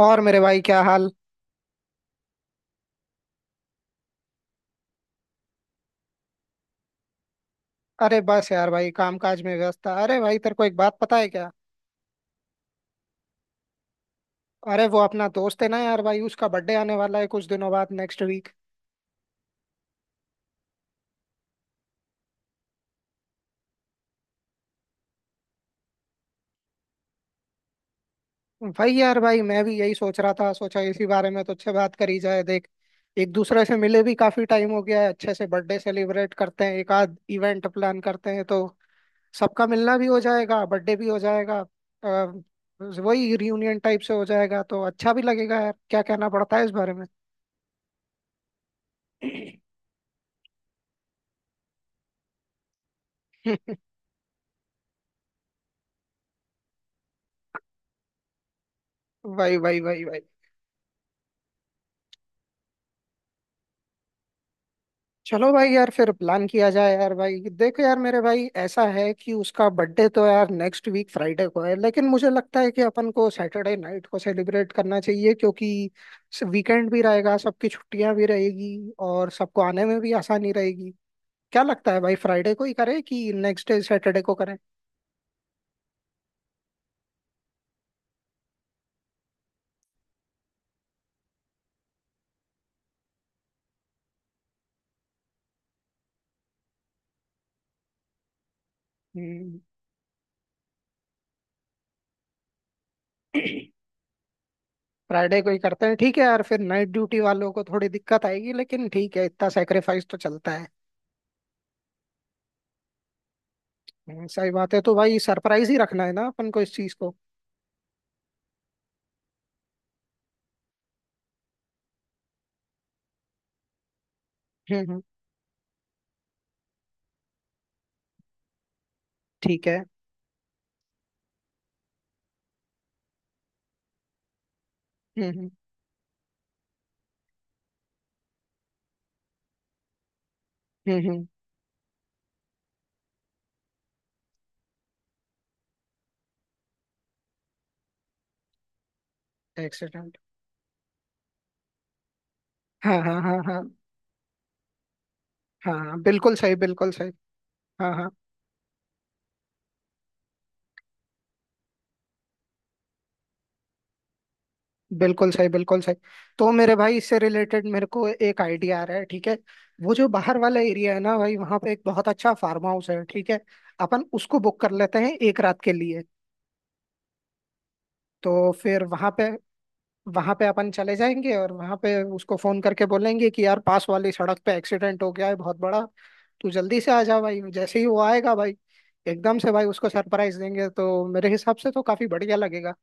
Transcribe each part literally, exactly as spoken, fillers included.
और मेरे भाई क्या हाल। अरे बस यार भाई काम काज में व्यस्त था। अरे भाई तेरे को एक बात पता है क्या? अरे वो अपना दोस्त है ना यार भाई, उसका बर्थडे आने वाला है कुछ दिनों बाद, नेक्स्ट वीक। भाई यार भाई मैं भी यही सोच रहा था, सोचा इसी बारे में तो अच्छे बात करी जाए। देख, एक दूसरे से मिले भी काफी टाइम हो गया है, अच्छे से बर्थडे सेलिब्रेट करते हैं, एक आध इवेंट प्लान करते हैं तो सबका मिलना भी हो जाएगा, बर्थडे भी हो जाएगा। अ, वही रियूनियन टाइप से हो जाएगा तो अच्छा भी लगेगा यार। क्या कहना पड़ता है इस बारे में? भाई भाई भाई भाई चलो भाई, यार फिर प्लान किया जाए। यार भाई देखो, यार मेरे भाई, ऐसा है कि उसका बर्थडे तो यार नेक्स्ट वीक फ्राइडे को है, लेकिन मुझे लगता है कि अपन को सैटरडे नाइट को सेलिब्रेट करना चाहिए, क्योंकि वीकेंड भी रहेगा, सबकी छुट्टियां भी रहेगी और सबको आने में भी आसानी रहेगी। क्या लगता है भाई, फ्राइडे को ही करें कि नेक्स्ट डे सैटरडे को करें? हम्म। फ्राइडे को ही करते हैं। ठीक है यार, फिर नाइट ड्यूटी वालों को थोड़ी दिक्कत आएगी, लेकिन ठीक है, इतना सेक्रीफाइस तो चलता है। हम्म, सही बात है। तो भाई सरप्राइज ही रखना है ना अपन को इस चीज को। हम्म, हम्म। ठीक है। हम्म, हम्म। हम्म, हम्म। एक्सीडेंट? हाँ हाँ हाँ हाँ। हाँ हाँ, बिल्कुल सही, बिल्कुल सही। हाँ हाँ। बिल्कुल सही, बिल्कुल सही। तो मेरे भाई, इससे रिलेटेड मेरे को एक आइडिया आ रहा है, ठीक है। वो जो बाहर वाला एरिया है ना भाई, वहाँ पे एक बहुत अच्छा फार्म हाउस है, ठीक है। अपन उसको बुक कर लेते हैं एक रात के लिए। तो फिर वहाँ पे, वहां पे अपन चले जाएंगे और वहां पे उसको फोन करके बोलेंगे कि यार पास वाली सड़क पे एक्सीडेंट हो गया है बहुत बड़ा, तू जल्दी से आ जा भाई। जैसे ही वो आएगा भाई, एकदम से भाई उसको सरप्राइज देंगे, तो मेरे हिसाब से तो काफी बढ़िया लगेगा।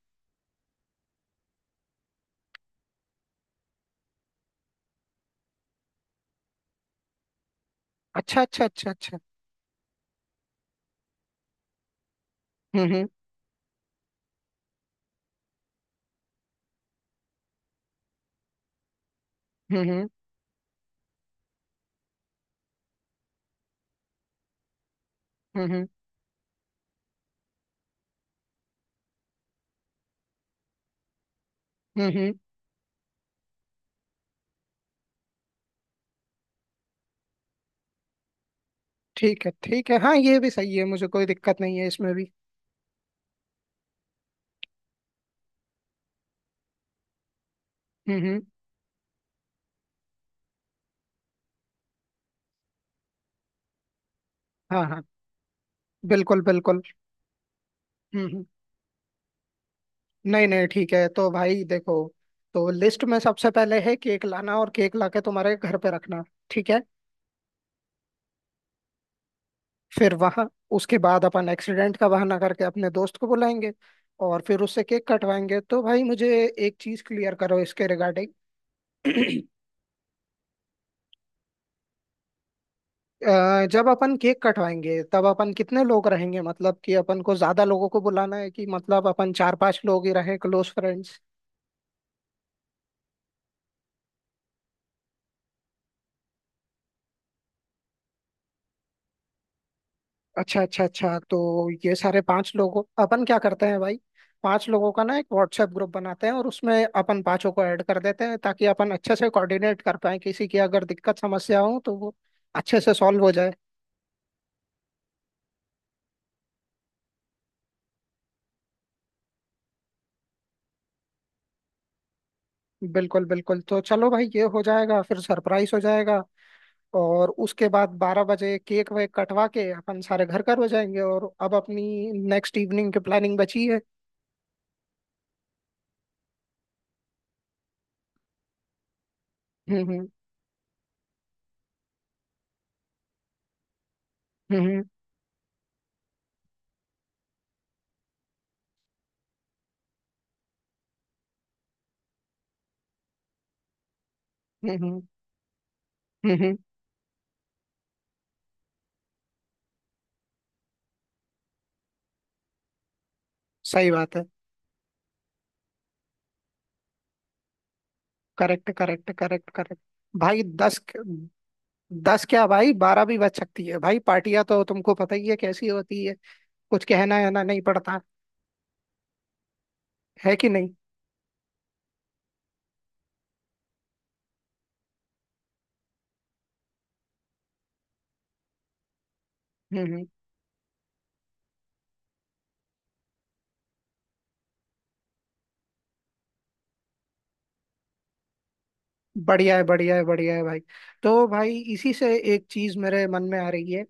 अच्छा अच्छा अच्छा अच्छा। हम्म, हम्म। हम्म, हम्म। हम्म, हम्म। हम्म, हम्म। ठीक है, ठीक है, हाँ ये भी सही है, मुझे कोई दिक्कत नहीं है इसमें भी। हम्म, हम्म। हाँ हाँ, बिल्कुल बिल्कुल। हम्म, हम्म। नहीं नहीं ठीक है, तो भाई देखो, तो लिस्ट में सबसे पहले है केक लाना, और केक लाके तुम्हारे घर पे रखना, ठीक है। फिर वहां, उसके बाद अपन एक्सीडेंट का बहाना करके अपने दोस्त को बुलाएंगे और फिर उससे केक कटवाएंगे। तो भाई मुझे एक चीज क्लियर करो इसके रिगार्डिंग। जब अपन केक कटवाएंगे तब अपन कितने लोग रहेंगे? मतलब कि अपन को ज्यादा लोगों को बुलाना है कि मतलब अपन चार पांच लोग ही रहे, क्लोज फ्रेंड्स? अच्छा अच्छा अच्छा। तो ये सारे पांच लोगों अपन क्या करते हैं भाई, पांच लोगों का ना एक व्हाट्सएप ग्रुप बनाते हैं और उसमें अपन पांचों को ऐड कर देते हैं, ताकि अपन अच्छे से कोऑर्डिनेट कर पाए, किसी की अगर दिक्कत समस्या हो तो वो अच्छे से सॉल्व हो जाए। बिल्कुल बिल्कुल, तो चलो भाई ये हो जाएगा, फिर सरप्राइज हो जाएगा। और उसके बाद बारह बजे केक वेक कटवा के अपन सारे घर घर हो जाएंगे, और अब अपनी नेक्स्ट इवनिंग की प्लानिंग बची है। हम्म, हम्म। हम्म। हम्म, हम्म। हम्म, हम्म, सही बात है। Correct correct correct correct. भाई दस, दस क्या भाई, बारह भी बच सकती है भाई, पार्टियां तो तुमको पता ही है कैसी होती है। कुछ कहना है ना नहीं पड़ता। है कि नहीं? हम्म, हम्म। बढ़िया है, बढ़िया है, बढ़िया है भाई। तो भाई इसी से एक चीज मेरे मन में आ रही है।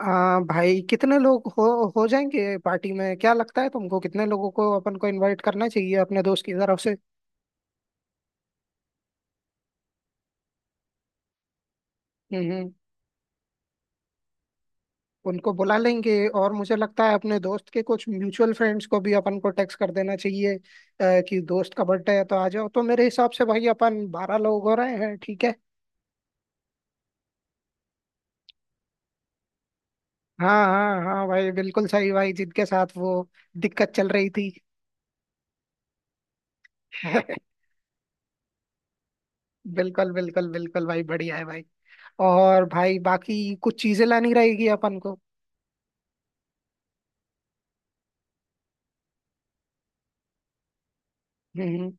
आ, भाई कितने लोग हो हो जाएंगे पार्टी में? क्या लगता है तुमको, कितने लोगों को अपन को इनवाइट करना चाहिए अपने दोस्त की तरफ से? हम्म, हम्म। उनको बुला लेंगे और मुझे लगता है अपने दोस्त के कुछ म्यूचुअल फ्रेंड्स को भी अपन को टेक्स्ट कर देना चाहिए, अ, कि दोस्त का बर्थडे है तो आ जाओ। तो मेरे हिसाब से भाई अपन बारह लोग हो रहे हैं, ठीक है। हाँ हाँ हाँ भाई, बिल्कुल सही भाई, जिनके साथ वो दिक्कत चल रही थी। बिल्कुल बिल्कुल बिल्कुल भाई, बढ़िया है भाई। और भाई बाकी कुछ चीजें लानी रहेगी अपन को। हम्म।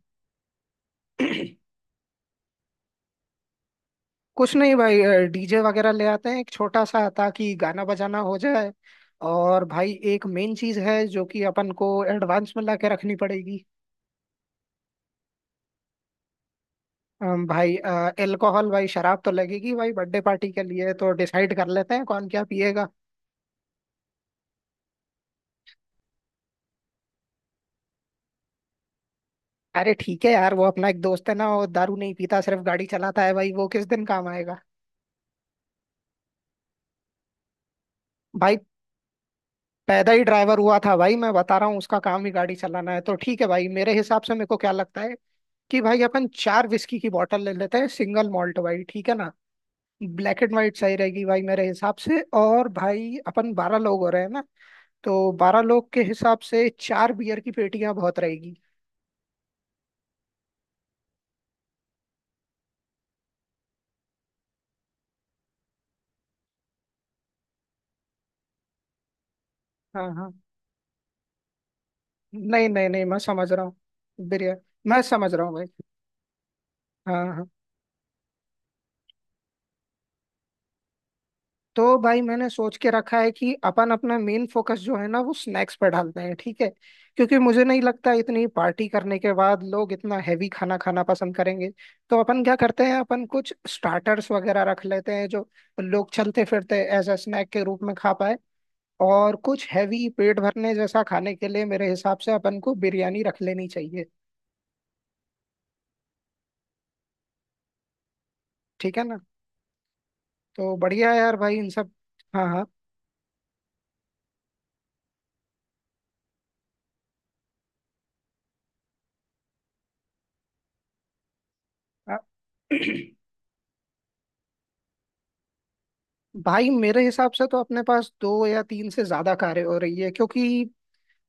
कुछ नहीं भाई, डीजे वगैरह ले आते हैं एक छोटा सा, ताकि गाना बजाना हो जाए। और भाई एक मेन चीज है, जो कि अपन को एडवांस में ला के रखनी पड़ेगी। अम, भाई अल्कोहल भाई, शराब तो लगेगी भाई बर्थडे पार्टी के लिए, तो डिसाइड कर लेते हैं कौन क्या पिएगा। अरे ठीक है यार, वो अपना एक दोस्त है ना, वो दारू नहीं पीता, सिर्फ गाड़ी चलाता है भाई, वो किस दिन काम आएगा। भाई पैदा ही ड्राइवर हुआ था भाई, मैं बता रहा हूँ, उसका काम ही गाड़ी चलाना है। तो ठीक है भाई, मेरे हिसाब से, मेरे को क्या लगता है कि भाई अपन चार विस्की की बॉटल ले लेते हैं, सिंगल मॉल्ट वाली, ठीक है ना। ब्लैक एंड वाइट सही रहेगी भाई मेरे हिसाब से। और भाई अपन बारह लोग हो रहे हैं ना, तो बारह लोग के हिसाब से चार बियर की पेटियां बहुत रहेगी। हाँ हाँ, नहीं नहीं नहीं, मैं समझ रहा हूँ। बियर। मैं समझ रहा हूँ भाई। हाँ हाँ। तो भाई मैंने सोच के रखा है कि अपन अपना मेन फोकस जो है ना, वो स्नैक्स पर डालते हैं, ठीक है। क्योंकि मुझे नहीं लगता इतनी पार्टी करने के बाद लोग इतना हैवी खाना खाना पसंद करेंगे। तो अपन क्या करते हैं, अपन कुछ स्टार्टर्स वगैरह रख लेते हैं, जो लोग चलते फिरते एज अ स्नैक के रूप में खा पाए। और कुछ हैवी पेट भरने जैसा खाने के लिए मेरे हिसाब से अपन को बिरयानी रख लेनी चाहिए। ठीक है ना? तो बढ़िया है यार भाई, इन सब। हाँ हाँ। अ- भाई मेरे हिसाब से तो अपने पास दो या तीन से ज्यादा कारें हो रही है, क्योंकि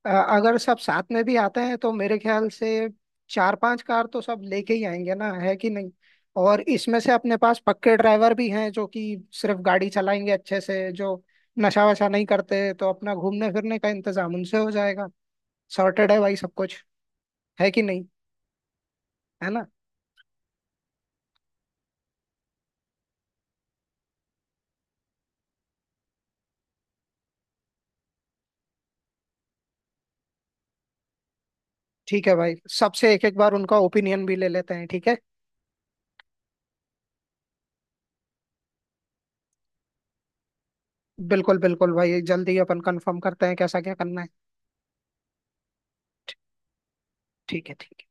अ, अगर सब साथ में भी आते हैं तो मेरे ख्याल से चार पांच कार तो सब लेके ही आएंगे ना, है कि नहीं। और इसमें से अपने पास पक्के ड्राइवर भी हैं, जो कि सिर्फ गाड़ी चलाएंगे अच्छे से, जो नशा वशा नहीं करते, तो अपना घूमने फिरने का इंतजाम उनसे हो जाएगा। सॉर्टेड है भाई सब कुछ। है कि नहीं? है ना? ठीक है भाई, सबसे एक एक बार उनका ओपिनियन भी ले लेते हैं, ठीक है। बिल्कुल बिल्कुल भाई, जल्दी अपन कंफर्म करते हैं कैसा क्या करना है। ठीक है, ठीक।